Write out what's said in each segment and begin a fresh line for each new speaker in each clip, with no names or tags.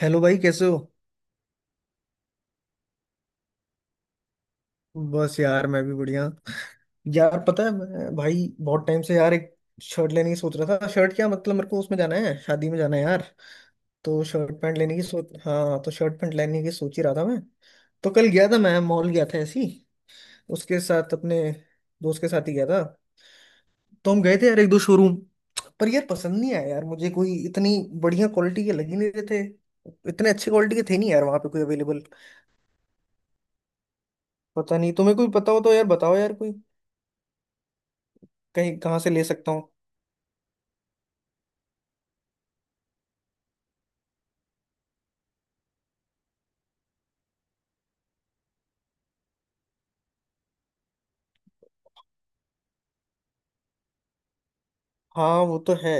Hello भाई, कैसे हो? बस यार, मैं भी बढ़िया। यार पता है, मैं भाई बहुत टाइम से यार एक शर्ट लेने की सोच रहा था। शर्ट क्या, मतलब मेरे को उसमें जाना है, शादी में जाना है यार। तो शर्ट पैंट लेने की सोच हाँ, तो शर्ट पैंट लेने की सोच ही रहा था मैं। तो कल गया था मैं, मॉल गया था, ऐसी उसके साथ अपने दोस्त के साथ ही गया था। तो हम गए थे यार एक दो शोरूम पर, यार पसंद नहीं आया यार मुझे कोई, इतनी बढ़िया क्वालिटी के लग ही नहीं रहे थे। इतने अच्छे क्वालिटी के थे नहीं यार वहाँ पे कोई अवेलेबल। पता नहीं, तुम्हें कोई पता हो तो यार बताओ यार, कोई कहीं कहाँ से ले सकता हूँ। हाँ वो तो है,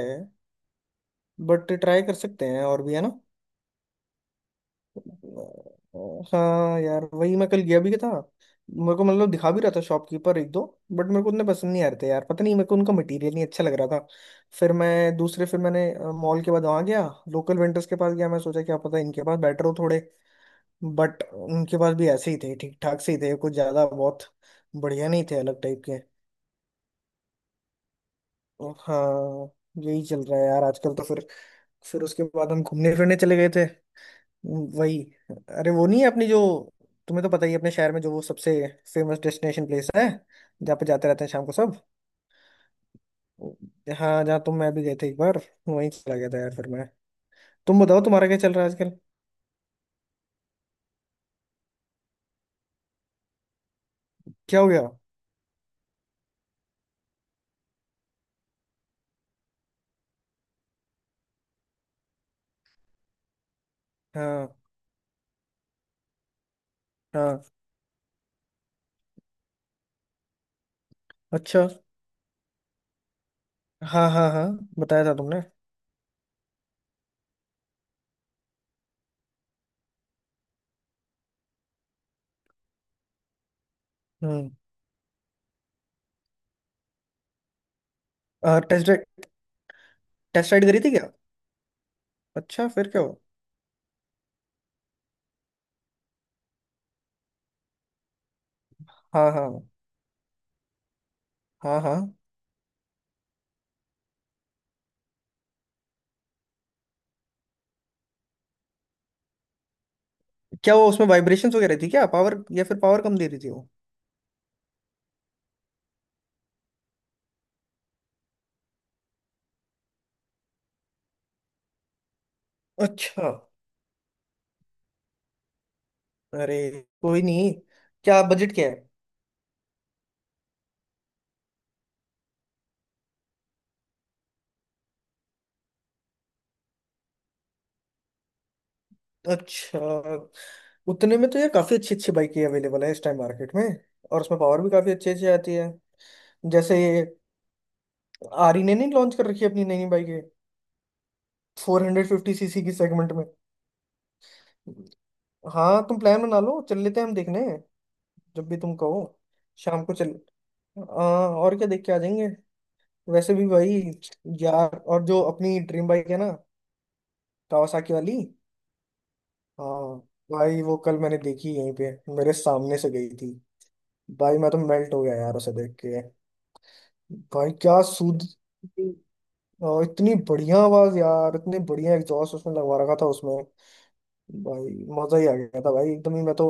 बट ट्राई कर सकते हैं और भी है ना। हाँ यार, वही मैं कल गया भी था। मेरे को मतलब दिखा भी रहा था शॉपकीपर एक दो, बट मेरे को उतने पसंद नहीं आ रहे थे यार, पता नहीं मेरे को उनका मटेरियल नहीं अच्छा लग रहा था। फिर मैंने मॉल के बाद वहाँ गया, लोकल वेंडर्स के पास गया मैं। सोचा क्या पता इनके पास बेटर हो थोड़े, बट उनके पास भी ऐसे ही थे, ठीक ठाक से ही थे, कुछ ज़्यादा बहुत बढ़िया नहीं थे, अलग टाइप के। हाँ। यही चल रहा है यार आजकल तो। फिर उसके बाद हम घूमने फिरने चले गए थे, वही। अरे वो नहीं है अपनी जो, तुम्हें तो पता ही है, अपने शहर में जो वो सबसे फेमस डेस्टिनेशन प्लेस है, जहाँ पे जाते रहते हैं शाम को सब। हाँ, जहाँ तुम मैं भी गए थे एक बार, वहीं चला गया था यार फिर मैं। तुम बताओ, तुम्हारा क्या चल रहा है आजकल? क्या हो गया? हाँ हाँ, अच्छा। हाँ हाँ हाँ, बताया था तुमने। हम्म। Test ride. टेस्ट राइड करी थी क्या? अच्छा, फिर क्या हुआ? हाँ हाँ हाँ हाँ, क्या वो उसमें वाइब्रेशंस वगैरह थी क्या, पावर? या फिर पावर कम दे रही थी वो? अच्छा। अरे कोई नहीं, क्या बजट क्या है? अच्छा। उतने में तो ये काफी अच्छी अच्छी बाइकें अवेलेबल है इस टाइम मार्केट में, और उसमें पावर भी काफी अच्छी अच्छी आती है। जैसे ये आरी ने नहीं लॉन्च कर रखी है अपनी नई नई बाइकें, 450 सीसी की सेगमेंट में। हाँ, तुम प्लान बना लो, चल लेते हैं हम देखने जब भी तुम कहो। शाम को चल, और क्या देख के आ जाएंगे। वैसे भी भाई, यार और जो अपनी ड्रीम बाइक है ना, कावासाकी वाली। हाँ। भाई वो कल मैंने देखी यहीं पे, मेरे सामने से गई थी। भाई मैं तो मेल्ट हो गया यार उसे देख के। भाई क्या सूद, और इतनी बढ़िया आवाज यार, इतने बढ़िया एग्जॉस्ट उसमें लगवा रखा था उसमें भाई। मजा ही आ गया था भाई एकदम ही, मैं तो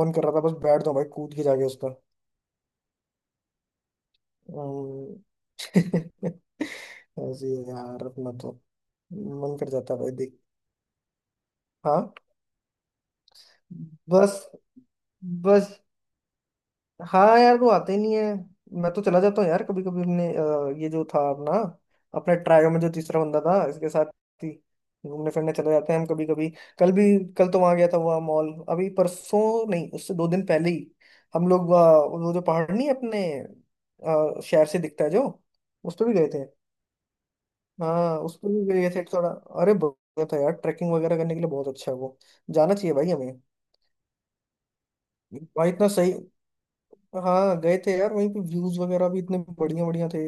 मन कर रहा था बस बैठ दो भाई, कूद के जाके उसका। अम्म, ऐसे ही है यार अपना तो, मन कर जाता है भाई देख। हाँ बस। बस हाँ यार, वो आते ही नहीं है। मैं तो चला जाता हूँ यार कभी कभी अपने, ये जो था अपना, अपने ट्रायो में जो तीसरा बंदा था, इसके साथ ही घूमने फिरने चले जाते हैं हम कभी कभी। कल भी, कल तो वहां गया था, वहाँ मॉल अभी परसों नहीं, उससे 2 दिन पहले ही हम लोग वो जो पहाड़ नहीं है अपने, शहर से दिखता है जो, उस पर भी गए थे। हाँ, उस पर भी गए थे थोड़ा। अरे बढ़िया था यार, ट्रैकिंग वगैरह करने के लिए बहुत अच्छा है वो, जाना चाहिए भाई हमें। भाई इतना सही। हाँ गए थे यार, वहीं पे व्यूज वगैरह भी इतने बढ़िया बढ़िया थे।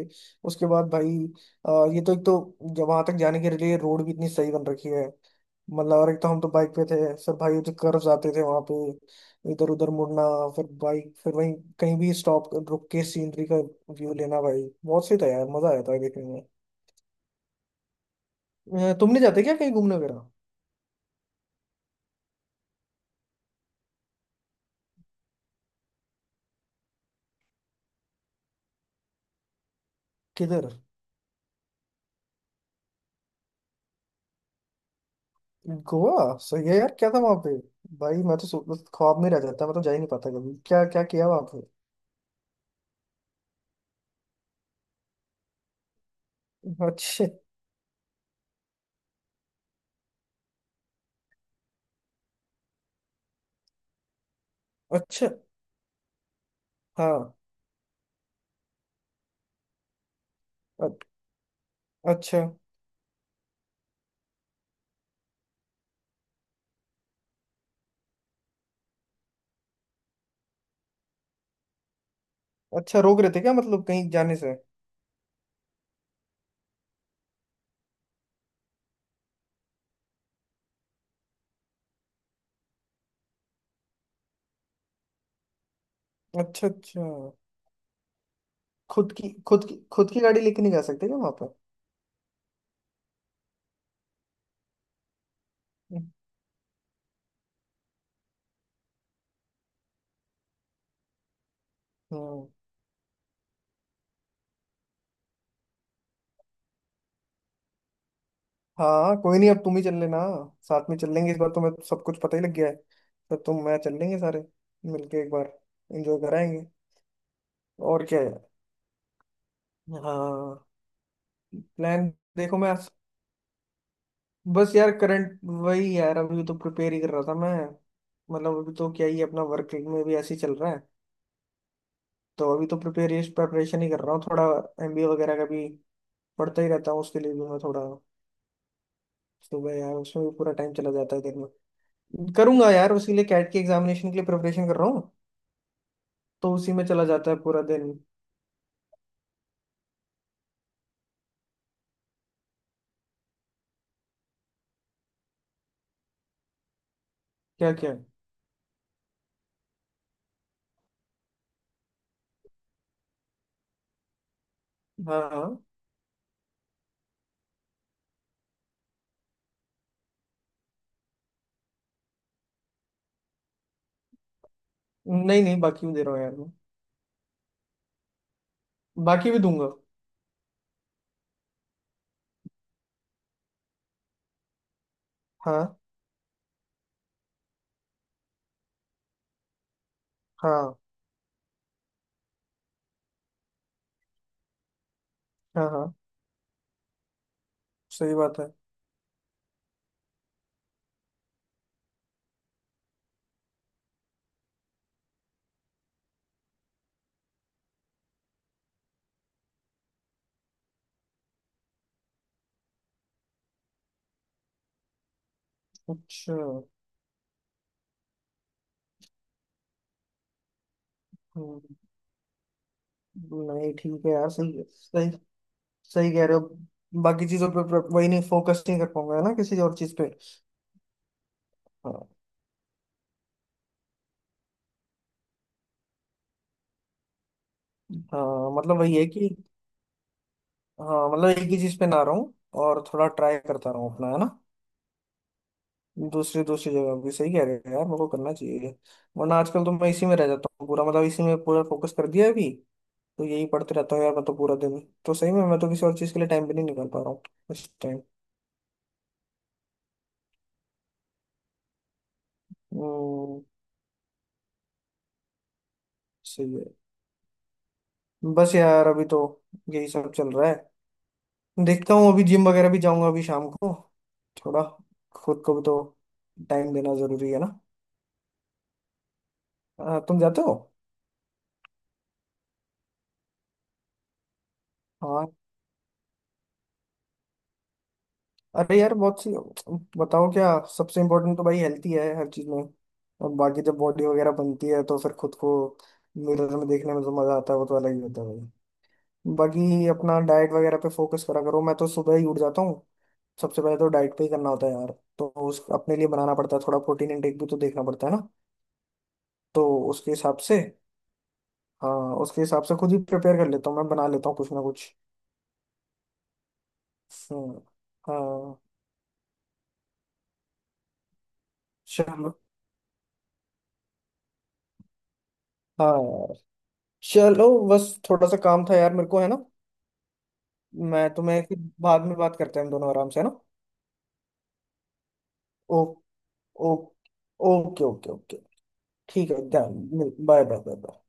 उसके बाद भाई, ये तो एक तो जब वहां तक जाने के लिए रोड भी इतनी सही बन रखी है, मतलब। और एक तो हम तो बाइक पे थे, फिर भाई जो कर्व्स आते थे वहां पे इधर उधर मुड़ना, फिर बाइक फिर वहीं कहीं भी स्टॉप रुक के सीनरी का व्यू लेना, भाई बहुत सही था यार, मजा आया था देखने में। तुमने जाते क्या कहीं घूमने वगैरह? किधर? गोवा सही है यार, क्या था वहां पे? भाई मैं तो ख्वाब में रह जाता, मैं तो जा ही नहीं पाता कभी। क्या क्या किया वहां पे? अच्छा अच्छा। हाँ। अ- अच्छा। अच्छा, रोक रहे थे क्या, मतलब कहीं जाने से? अच्छा अच्छा। खुद की गाड़ी लेके नहीं जा सकते क्या वहां पर? हम्म। हाँ कोई नहीं, अब तुम ही चल लेना। साथ में चल लेंगे इस बार, तुम्हें सब कुछ पता ही लग गया है, तो तुम मैं चल लेंगे सारे मिलके एक बार। एंजॉय कराएंगे। और क्या है? हाँ, प्लान। देखो मैं, बस यार करंट वही यार अभी तो प्रिपेयर ही कर रहा था मैं। मतलब अभी तो क्या ही, अपना वर्क में भी ऐसे ही चल रहा है। तो अभी तो प्रिपेरेशन प्रेपरेशन ही कर रहा हूँ थोड़ा। एमबीए वगैरह का भी पढ़ता ही रहता हूँ, उसके लिए भी मैं थोड़ा सुबह यार उसमें भी पूरा टाइम चला जाता है दिन में। करूंगा यार, उसी लिए कैट के एग्जामिनेशन के लिए प्रिपरेशन कर रहा हूँ, तो उसी में चला जाता है पूरा दिन। क्या क्या? हाँ हाँ। नहीं नहीं, बाकी भी दे रहा हूँ यार मैं, बाकी भी दूंगा। हाँ हाँ हाँ हाँ। सही बात है। अच्छा। हम्म। नहीं ठीक है यार, सही सही। सही कह रहे हो, बाकी चीजों पे पे- वही नहीं, फोकस नहीं कर पाऊंगा है ना किसी और चीज पे। हाँ। हाँ मतलब वही है कि, हाँ मतलब एक ही चीज पे ना रहूं, और थोड़ा ट्राई करता रहूं अपना, है ना? दूसरी दूसरी जगह भी सही कह रहे हो यार, मेरे को करना चाहिए। वरना आजकल तो मैं इसी में रह जाता हूँ पूरा, मतलब इसी में पूरा फोकस कर दिया है अभी, तो यही पढ़ते रहता हूँ यार मैं तो पूरा दिन। तो सही में मैं तो किसी और चीज के लिए टाइम भी नहीं निकाल पा रहा हूँ इस टाइम। हम्म। सही है। बस यार अभी तो यही सब चल रहा है। देखता हूँ अभी जिम वगैरह भी जाऊंगा अभी शाम को थोड़ा, खुद को भी तो टाइम देना जरूरी है ना। हाँ, तुम जाते हो? हाँ। अरे यार बहुत सी, बताओ क्या। सबसे इम्पोर्टेंट तो भाई हेल्थ ही है हर चीज में। और बाकी जब बॉडी वगैरह बनती है तो फिर खुद को मिरर में देखने में जो मजा आता है, वो तो अलग ही होता है भाई। बाकी अपना डाइट वगैरह पे फोकस करा करो, मैं तो सुबह ही उठ जाता हूँ, सबसे पहले तो डाइट पे ही करना होता है यार। तो उस अपने लिए बनाना पड़ता है थोड़ा, प्रोटीन इनटेक भी तो देखना पड़ता है ना। तो उसके हिसाब से, हाँ उसके हिसाब से खुद ही प्रिपेयर कर लेता हूँ, मैं बना लेता हूँ कुछ ना कुछ। हम्म। हाँ। चलो। हाँ यार चलो, बस थोड़ा सा काम था यार मेरे को, है ना? मैं तुम्हें फिर बाद में, बात करते हैं हम दोनों आराम से, है ना? ओ। ओ। Okay okay okay. ठीक है, ध्यान। Bye bye bye bye.